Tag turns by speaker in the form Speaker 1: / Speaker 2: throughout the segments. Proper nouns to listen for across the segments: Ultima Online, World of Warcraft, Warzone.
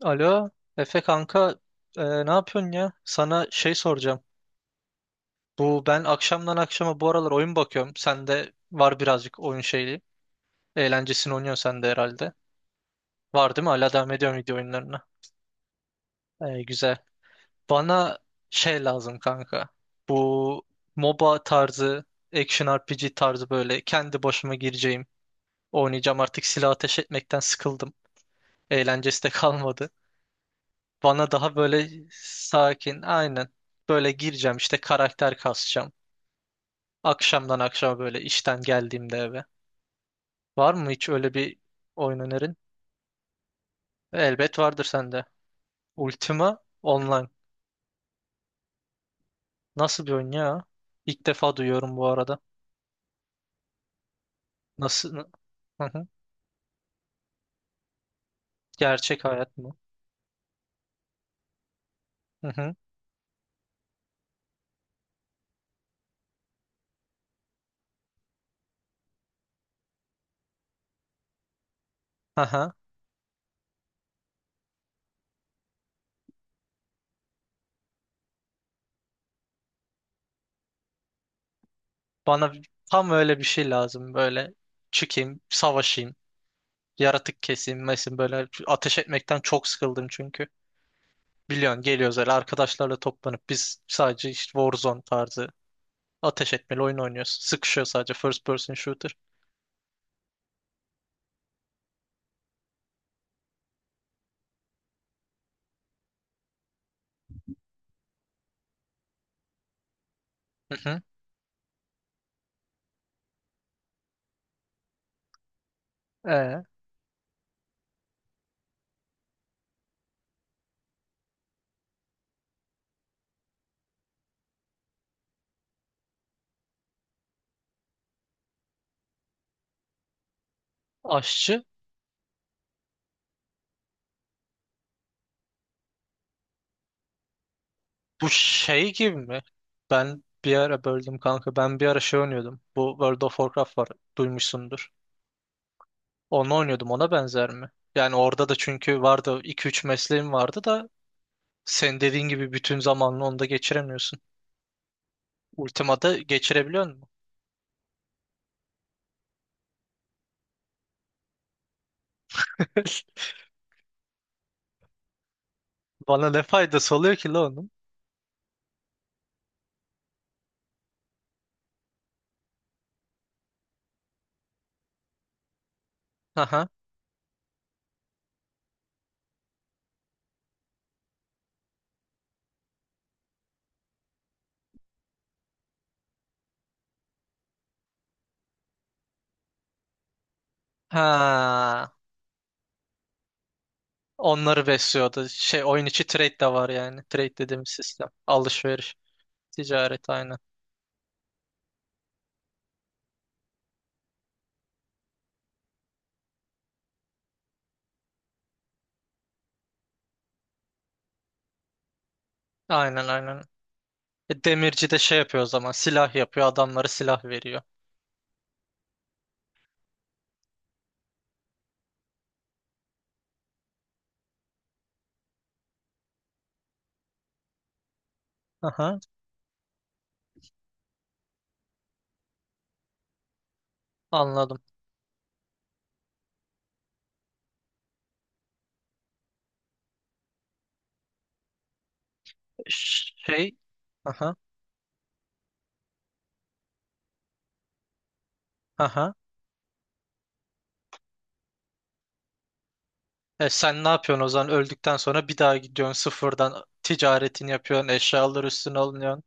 Speaker 1: Alo, Efe kanka, ne yapıyorsun ya? Sana şey soracağım. Bu ben akşamdan akşama bu aralar oyun bakıyorum. Sende var birazcık oyun şeyi. Eğlencesini oynuyorsun sen de herhalde. Var değil mi? Hala devam ediyorum video oyunlarına. E, güzel. Bana şey lazım kanka. Bu MOBA tarzı, action RPG tarzı böyle kendi başıma gireceğim. Oynayacağım artık silah ateş etmekten sıkıldım. Eğlencesi de kalmadı. Bana daha böyle sakin, aynen. Böyle gireceğim işte karakter kasacağım. Akşamdan akşama böyle işten geldiğimde eve. Var mı hiç öyle bir oyun önerin? Elbet vardır sende. Ultima Online. Nasıl bir oyun ya? İlk defa duyuyorum bu arada. Nasıl? Hı hı. Gerçek hayat mı? Hı hı. Aha. Bana tam öyle bir şey lazım. Böyle çıkayım, savaşayım, yaratık keseyim, mesin böyle ateş etmekten çok sıkıldım çünkü. Biliyorsun geliyoruz öyle arkadaşlarla toplanıp biz sadece işte Warzone tarzı ateş etmeli oyun oynuyoruz. Sıkışıyor sadece first person shooter. Hı hı. Ee, aşçı bu şey gibi mi? Ben bir ara böldüm kanka. Ben bir ara şey oynuyordum. Bu World of Warcraft var. Duymuşsundur. Onu oynuyordum. Ona benzer mi? Yani orada da çünkü vardı iki üç mesleğim vardı da sen dediğin gibi bütün zamanını onda geçiremiyorsun. Ultima'da geçirebiliyor musun? Bana ne faydası oluyor ki la onun? Aha. Ha. Onları besliyordu. Şey oyun içi trade de var yani. Trade dediğimiz sistem. Alışveriş. Ticaret aynen. Aynen aynen. E, demirci de şey yapıyor o zaman. Silah yapıyor. Adamlara silah veriyor. Aha, anladım. Şey. Aha, aha. E, sen ne yapıyorsun o zaman? Öldükten sonra bir daha gidiyorsun sıfırdan ticaretini yapıyorsun. Eşyalar üstüne alınıyorsun.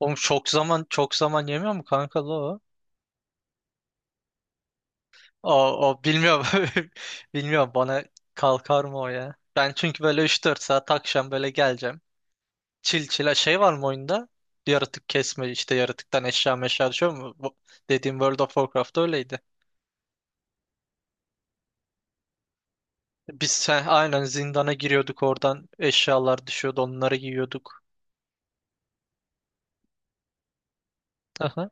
Speaker 1: Oğlum çok zaman çok zaman yemiyor mu kanka la o? O, o bilmiyorum. Bilmiyorum bana kalkar mı o ya? Ben çünkü böyle 3-4 saat akşam böyle geleceğim. Çil çila şey var mı oyunda? Yaratık kesme işte yaratıktan eşya meşya düşüyor mu? Bu dediğim World of Warcraft'ta öyleydi. Sen, aynen zindana giriyorduk oradan eşyalar düşüyordu onları giyiyorduk. Aha.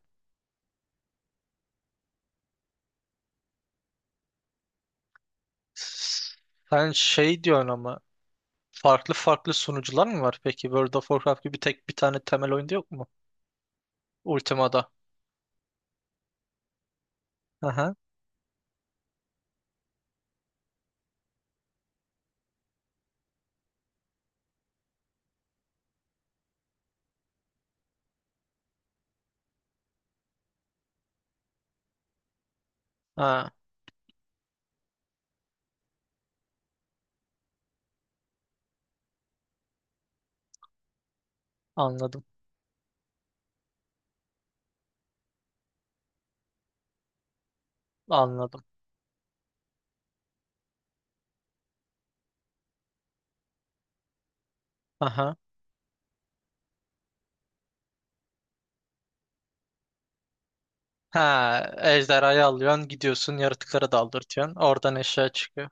Speaker 1: Sen şey diyorsun ama farklı farklı sunucular mı var peki? World of Warcraft gibi tek bir tane temel oyunda yok mu? Ultima'da. Aha. Ha, anladım. Anladım. Aha. Ha, ejderhayı alıyorsun gidiyorsun yaratıklara daldırtıyorsun. Oradan eşya çıkıyor.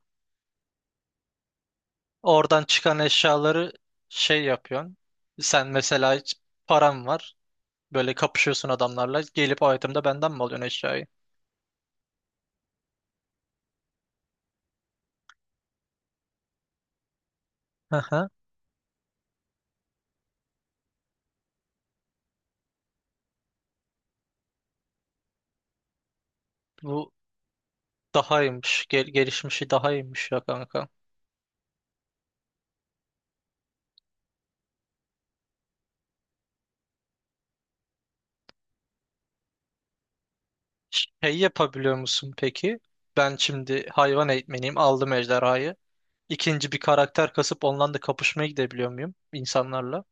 Speaker 1: Oradan çıkan eşyaları şey yapıyorsun. Sen mesela hiç param var. Böyle kapışıyorsun adamlarla. Gelip o item'da benden mi alıyorsun eşyayı? Aha, bu daha iyiymiş. Gelişmişi daha iyiymiş ya kanka. Şey yapabiliyor musun peki? Ben şimdi hayvan eğitmeniyim. Aldım ejderhayı. İkinci bir karakter kasıp ondan da kapışmaya gidebiliyor muyum insanlarla?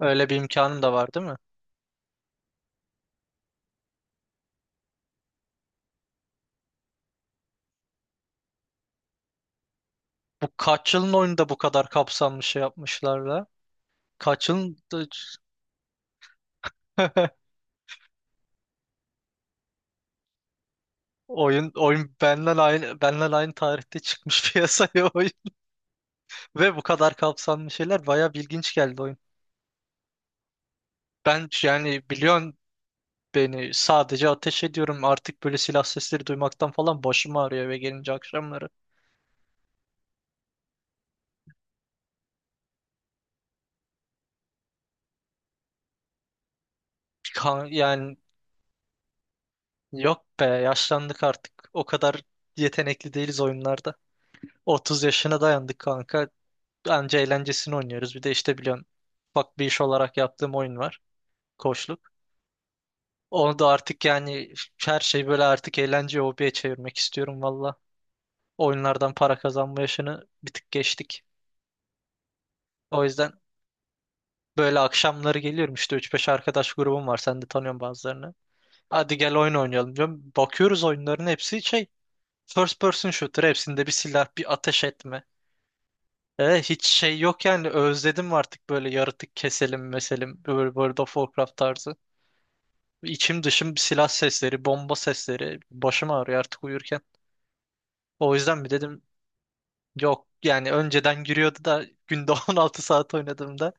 Speaker 1: Öyle bir imkanım da var değil mi? Bu kaç yılın oyunda bu kadar kapsamlı şey yapmışlar da? Kaç yılın... Oyun benden aynı tarihte çıkmış piyasaya oyun ve bu kadar kapsamlı şeyler bayağı ilginç geldi oyun. Ben yani biliyorsun beni sadece ateş ediyorum artık böyle silah sesleri duymaktan falan başım ağrıyor eve gelince akşamları. Yani yok be yaşlandık artık o kadar yetenekli değiliz oyunlarda. 30 yaşına dayandık kanka anca eğlencesini oynuyoruz bir de işte biliyorsun ufak bir iş olarak yaptığım oyun var koçluk. Onu da artık yani her şey böyle artık eğlence hobiye çevirmek istiyorum valla. Oyunlardan para kazanma yaşını bir tık geçtik. O yüzden böyle akşamları geliyorum işte üç beş arkadaş grubum var sen de tanıyorsun bazılarını. Hadi gel oyun oynayalım diyorum. Bakıyoruz oyunların hepsi şey first person shooter hepsinde bir silah bir ateş etme. E, hiç şey yok yani özledim artık böyle yaratık keselim meselim böyle World of Warcraft tarzı. İçim dışım silah sesleri bomba sesleri başım ağrıyor artık uyurken. O yüzden mi dedim. Yok yani önceden giriyordu da günde 16 saat oynadığımda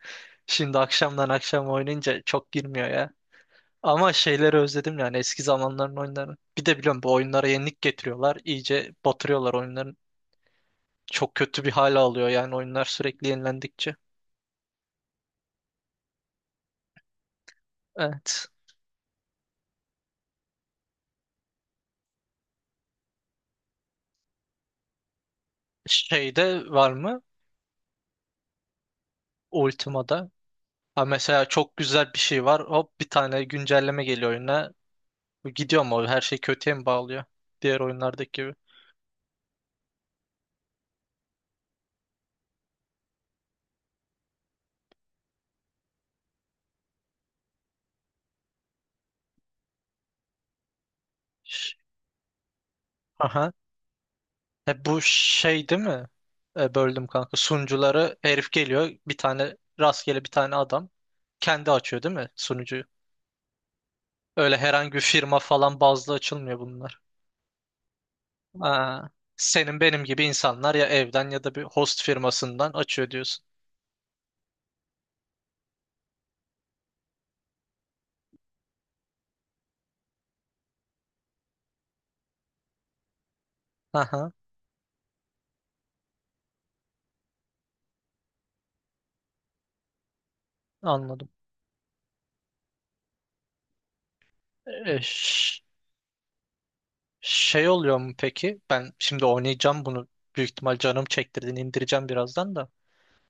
Speaker 1: şimdi akşamdan akşam oynayınca çok girmiyor ya. Ama şeyleri özledim yani eski zamanların oyunlarını. Bir de biliyorum bu oyunlara yenilik getiriyorlar. İyice batırıyorlar oyunların. Çok kötü bir hal alıyor yani oyunlar sürekli yenilendikçe. Evet. Şeyde var mı? Ultima'da. Ha mesela çok güzel bir şey var. Hop bir tane güncelleme geliyor oyuna. Gidiyor mu? Her şey kötüye mi bağlıyor? Diğer oyunlardaki gibi. Şş. E, bu şey değil mi? E, böldüm kanka. Sunucuları herif geliyor. Bir tane rastgele bir tane adam kendi açıyor değil mi sunucuyu? Öyle herhangi bir firma falan bazlı açılmıyor bunlar. Aa, senin benim gibi insanlar ya evden ya da bir host firmasından açıyor diyorsun. Aha, anladım. E, şey oluyor mu peki? Ben şimdi oynayacağım bunu. Büyük ihtimal canım çektirdin indireceğim birazdan da.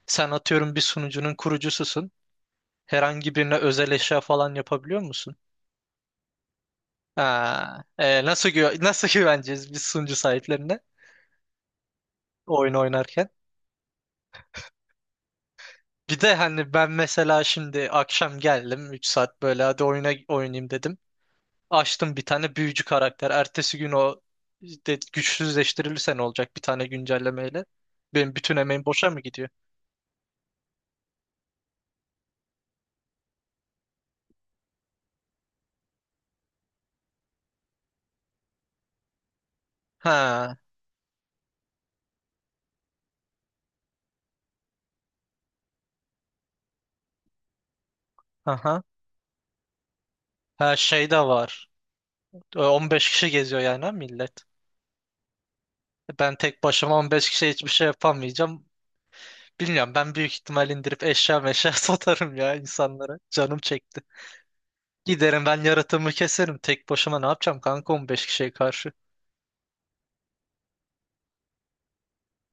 Speaker 1: Sen atıyorum bir sunucunun kurucususun. Herhangi birine özel eşya falan yapabiliyor musun? Ha, nasıl güveneceğiz biz sunucu sahiplerine oyun oynarken? Bir de hani ben mesela şimdi akşam geldim 3 saat böyle hadi oyuna oynayayım dedim. Açtım bir tane büyücü karakter. Ertesi gün o de, güçsüzleştirilirse ne olacak bir tane güncellemeyle? Benim bütün emeğim boşa mı gidiyor? Ha, aha. Her şey de var. E, 15 kişi geziyor yani ha millet. Ben tek başıma 15 kişiye hiçbir şey yapamayacağım. Bilmiyorum ben büyük ihtimal indirip eşya meşya satarım ya insanlara. Canım çekti. Giderim ben yaratımı keserim. Tek başıma ne yapacağım kanka 15 kişiye karşı.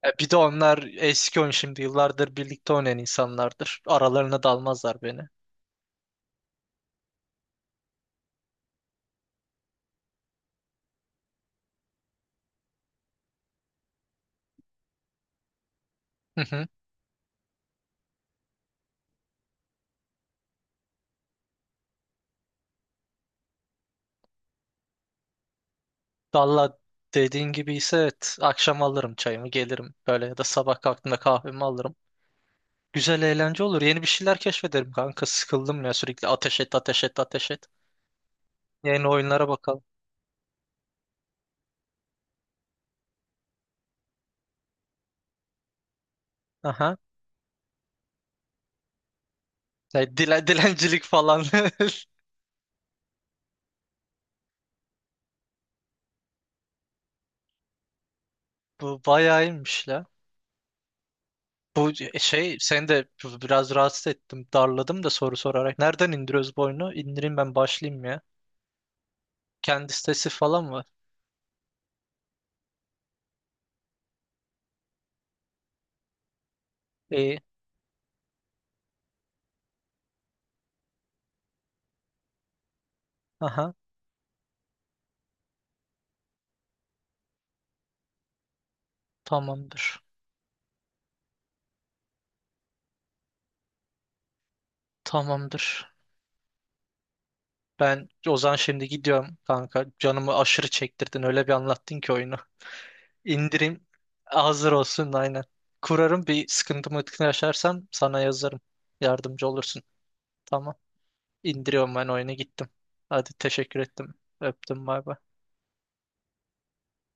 Speaker 1: E bir de onlar eski oyun şimdi yıllardır birlikte oynayan insanlardır. Aralarına dalmazlar beni. Hı hı. Valla dediğin gibi ise evet, akşam alırım çayımı gelirim. Böyle ya da sabah kalktığımda kahvemi alırım. Güzel eğlence olur. Yeni bir şeyler keşfederim kanka. Sıkıldım ya sürekli ateş et ateş et ateş et. Yeni oyunlara bakalım. Aha. Ya, dilencilik falan. Bu bayağı iyiymiş la. Bu şey seni de biraz rahatsız ettim. Darladım da soru sorarak. Nereden indiriyoruz bu oyunu? İndireyim ben başlayayım ya. Kendi sitesi falan var. İyi. Aha. Tamamdır. Tamamdır. Ben o zaman şimdi gidiyorum kanka. Canımı aşırı çektirdin. Öyle bir anlattın ki oyunu. İndireyim. Hazır olsun aynen. Kurarım bir sıkıntımı yaşarsam sana yazarım. Yardımcı olursun. Tamam. İndiriyorum ben oyunu gittim. Hadi teşekkür ettim. Öptüm bay bay.